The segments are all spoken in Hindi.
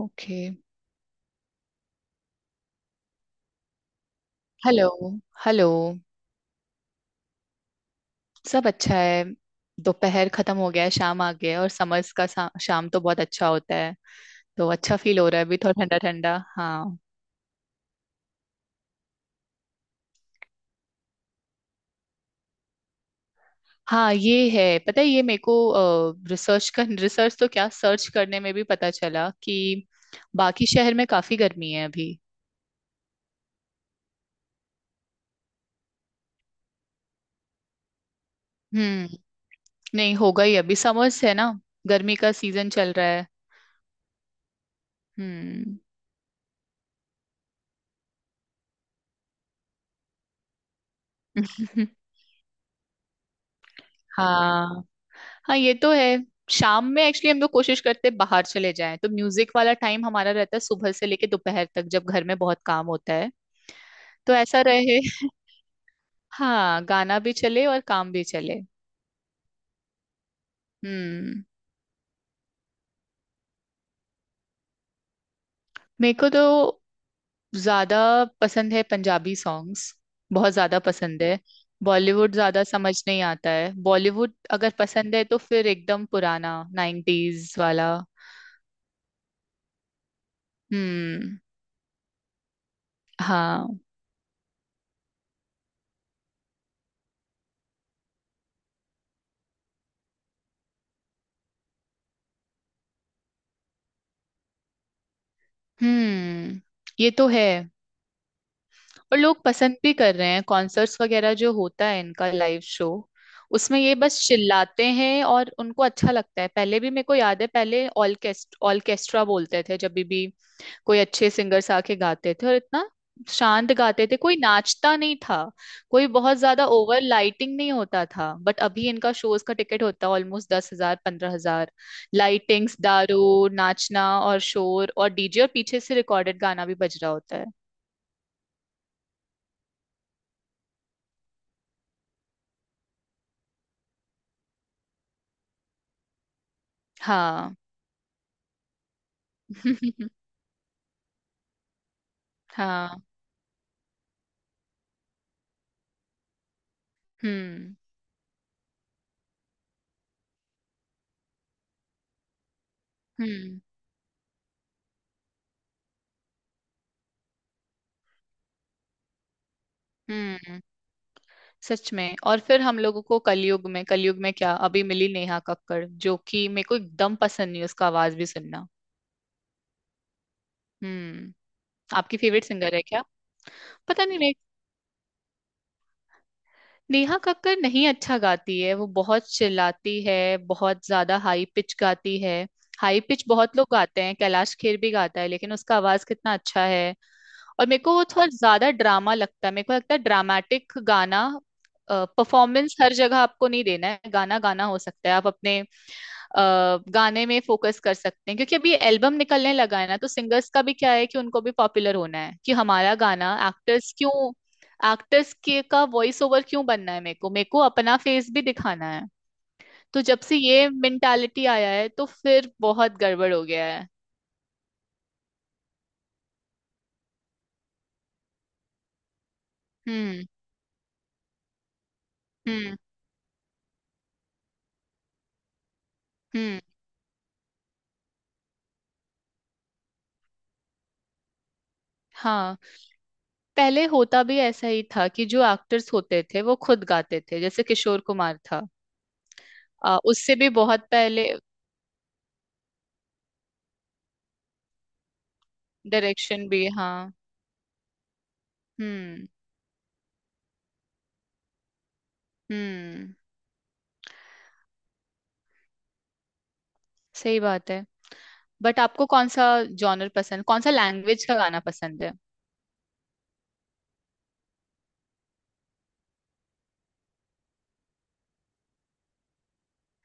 ओके। हेलो। हेलो। सब अच्छा है। दोपहर खत्म हो गया है, शाम आ गया है और समर्स का शाम तो बहुत अच्छा होता है। तो अच्छा फील हो रहा है, अभी थोड़ा ठंडा ठंडा। हाँ। हाँ ये है, पता है ये मेरे को। रिसर्च तो क्या सर्च करने में भी पता चला कि बाकी शहर में काफी गर्मी है अभी। हम्म। नहीं, होगा ही, अभी समर्स है ना, गर्मी का सीजन चल रहा है। हम्म। हाँ। हाँ ये तो है। शाम में एक्चुअली हम लोग कोशिश करते हैं बाहर चले जाएं, तो म्यूजिक वाला टाइम हमारा रहता है सुबह से लेके दोपहर तक जब घर में बहुत काम होता है। तो ऐसा रहे। हाँ, गाना भी चले और काम भी चले। हम्म। मेरे को तो ज्यादा पसंद है पंजाबी सॉन्ग्स, बहुत ज्यादा पसंद है। बॉलीवुड ज्यादा समझ नहीं आता है, बॉलीवुड अगर पसंद है तो फिर एकदम पुराना नाइन्टीज वाला। हम्म। हाँ। हम्म। ये तो है। और लोग पसंद भी कर रहे हैं, कॉन्सर्ट्स वगैरह जो होता है इनका लाइव शो, उसमें ये बस चिल्लाते हैं और उनको अच्छा लगता है। पहले भी मेरे को याद है, पहले ऑर्केस्ट्रा बोलते थे जब भी कोई अच्छे सिंगर्स आके गाते थे और इतना शांत गाते थे, कोई नाचता नहीं था, कोई बहुत ज्यादा ओवर लाइटिंग नहीं होता था। बट अभी इनका शोज का टिकट होता है ऑलमोस्ट 10,000 15,000, लाइटिंग्स, दारू, नाचना और शोर और डीजे और पीछे से रिकॉर्डेड गाना भी बज रहा होता है। हाँ। हाँ। हम्म। हम्म। हम्म, सच में। और फिर हम लोगों को कलयुग में, क्या अभी मिली, नेहा कक्कड़ जो कि मेरे को एकदम पसंद नहीं, उसका आवाज भी सुनना। हम्म। आपकी फेवरेट सिंगर है क्या? पता नहीं, नेहा कक्कड़ नहीं अच्छा गाती है, वो बहुत चिल्लाती है, बहुत ज्यादा हाई पिच गाती है। हाई पिच बहुत लोग गाते हैं, कैलाश खेर भी गाता है लेकिन उसका आवाज कितना अच्छा है। और मेरे को वो थोड़ा ज्यादा ड्रामा लगता है, मेरे को लगता है ड्रामेटिक गाना। परफॉर्मेंस हर जगह आपको नहीं देना है, गाना गाना हो सकता है आप अपने अ, गाने में फोकस कर सकते हैं। क्योंकि अभी एल्बम निकलने लगा है ना, तो सिंगर्स का भी क्या है कि उनको भी पॉपुलर होना है, कि हमारा गाना एक्टर्स क्यों, एक्टर्स के का वॉइस ओवर क्यों बनना है, मेरे को अपना फेस भी दिखाना है। तो जब से ये मेंटालिटी आया है, तो फिर बहुत गड़बड़ हो गया है। हम्म। हम्म। हम्म। हाँ, पहले होता भी ऐसा ही था कि जो एक्टर्स होते थे वो खुद गाते थे, जैसे किशोर कुमार था। उससे भी बहुत पहले। डायरेक्शन भी, हाँ। हम्म। हम्म, सही बात है। बट आपको कौन सा जॉनर पसंद, कौन सा लैंग्वेज का गाना पसंद है?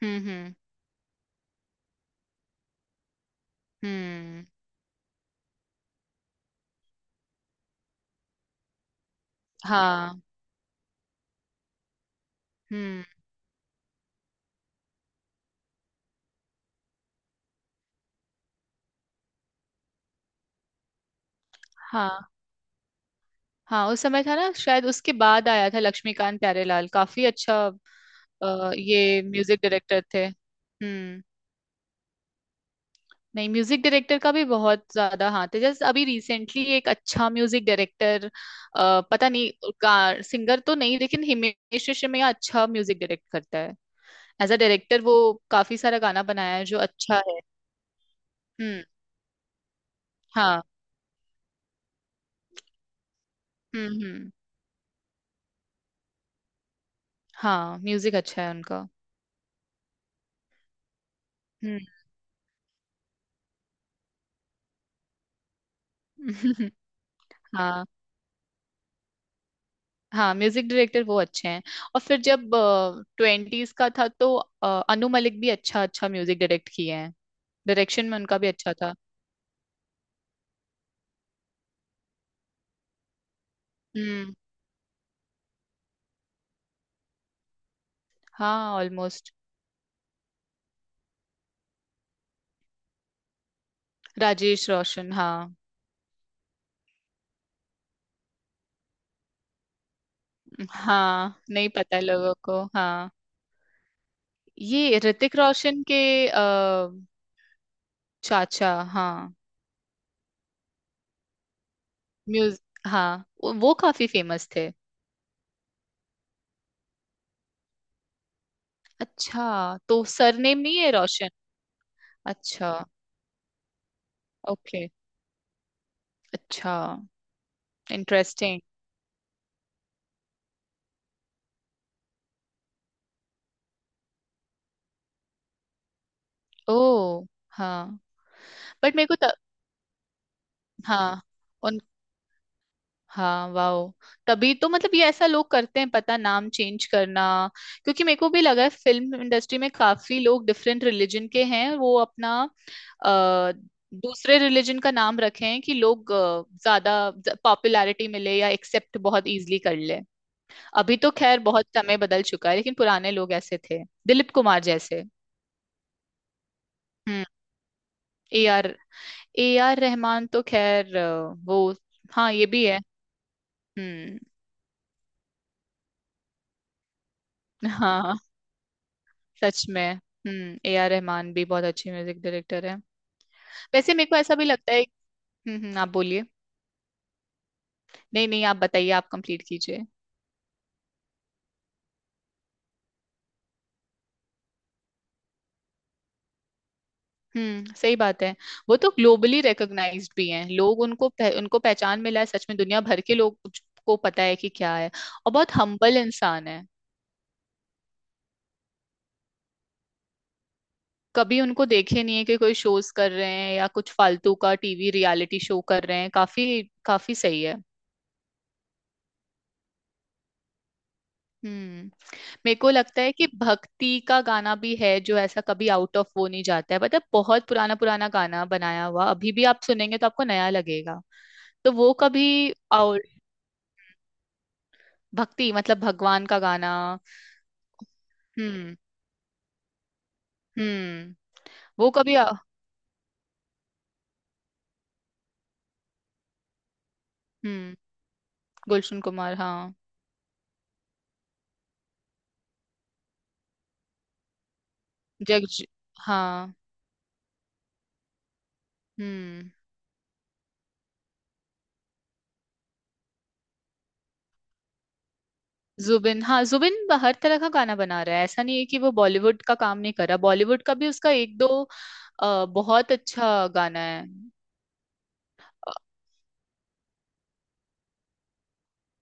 हम्म। हम्म। हम्म। हाँ। हम्म। हाँ। हाँ, उस समय था ना। शायद उसके बाद आया था लक्ष्मीकांत प्यारेलाल, काफी अच्छा। ये म्यूजिक डायरेक्टर थे। हम्म। नहीं, म्यूजिक डायरेक्टर का भी बहुत ज्यादा हाथ है। जैसे अभी रिसेंटली एक अच्छा म्यूजिक डायरेक्टर, पता नहीं, सिंगर तो नहीं लेकिन हिमेश रेशमिया अच्छा म्यूजिक डायरेक्ट करता है। एज अ डायरेक्टर वो काफी सारा गाना बनाया है जो अच्छा है। हम्म। हाँ। हम्म। हम्म। हाँ, म्यूजिक अच्छा है उनका। हम्म। हाँ। हाँ, म्यूजिक डायरेक्टर वो अच्छे हैं। और फिर जब ट्वेंटीज का था तो अनु मलिक भी अच्छा अच्छा म्यूजिक डायरेक्ट किए हैं। डायरेक्शन में उनका भी अच्छा था। हम्म। हाँ ऑलमोस्ट। राजेश रोशन, हाँ। हाँ, नहीं पता है लोगों को। हाँ। ये ऋतिक रोशन के अ, चाचा, हाँ। म्यूज, हाँ वो काफी फेमस थे। अच्छा, तो सरनेम नहीं है रोशन? अच्छा। ओके। अच्छा। इंटरेस्टिंग। ओ। हाँ। बट मेरे को त, हाँ। हाँ, वाओ। तभी तो, मतलब ये ऐसा लोग करते हैं, पता, नाम चेंज करना। क्योंकि मेरे को भी लगा है, फिल्म इंडस्ट्री में काफी लोग डिफरेंट रिलीजन के हैं, वो अपना अ, दूसरे रिलीजन का नाम रखे हैं कि लोग ज्यादा पॉपुलैरिटी मिले या एक्सेप्ट बहुत इजीली कर ले। अभी तो खैर बहुत समय बदल चुका है लेकिन पुराने लोग ऐसे थे, दिलीप कुमार जैसे। हम्म। A R A R Rahman तो खैर वो, हाँ ये भी है। हम्म। हाँ, सच में। हम्म, ए आर रहमान भी बहुत अच्छे म्यूजिक डायरेक्टर हैं। वैसे मेरे को ऐसा भी लगता है। हम्म। आप बोलिए। नहीं नहीं, आप बताइए, आप कंप्लीट कीजिए। हम्म, सही बात है। वो तो ग्लोबली रिकॉग्नाइज्ड भी हैं, लोग उनको उनको पहचान मिला है, सच में दुनिया भर के लोग को पता है कि क्या है। और बहुत हम्बल इंसान है। कभी उनको देखे नहीं है कि कोई शोज कर रहे हैं या कुछ फालतू का टीवी रियलिटी शो कर रहे हैं, काफी काफी सही है। हम्म। मेरे को लगता है कि भक्ति का गाना भी है जो ऐसा कभी आउट ऑफ वो नहीं जाता है, मतलब बहुत पुराना पुराना गाना बनाया हुआ अभी भी आप सुनेंगे तो आपको नया लगेगा। तो वो कभी, और, भक्ति मतलब भगवान का गाना। हम्म। हम्म। वो कभी हम्म, गुलशन कुमार, हाँ। जग, हाँ। हम्म। जुबिन, हाँ, जुबिन हर तरह का गाना बना रहा है, ऐसा नहीं है कि वो बॉलीवुड का काम नहीं कर रहा, बॉलीवुड का भी उसका एक दो बहुत अच्छा गाना है। अ,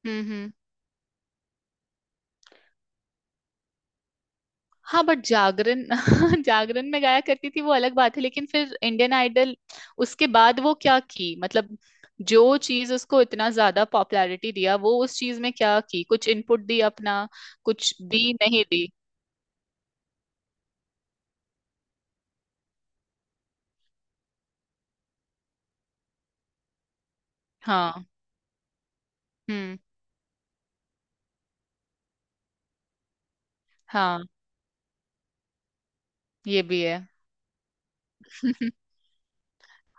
हम्म। हम्म। हाँ, बट जागरण, जागरण में गाया करती थी वो अलग बात है, लेकिन फिर इंडियन आइडल, उसके बाद वो क्या की, मतलब जो चीज उसको इतना ज्यादा पॉपुलैरिटी दिया, वो उस चीज में क्या की, कुछ इनपुट दी अपना? कुछ दी, नहीं दी। हाँ। हम्म। हाँ, ये भी है।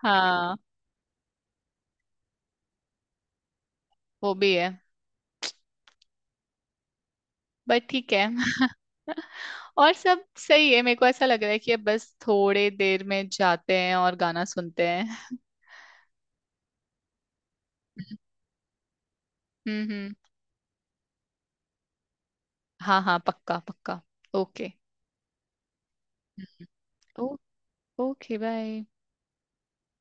हाँ। वो भी है। बट ठीक है। और सब सही है। मेरे को ऐसा लग रहा है कि अब बस थोड़े देर में जाते हैं और गाना सुनते हैं। हम्म। हम्म। हाँ हाँ, पक्का पक्का। ओके। Okay bye.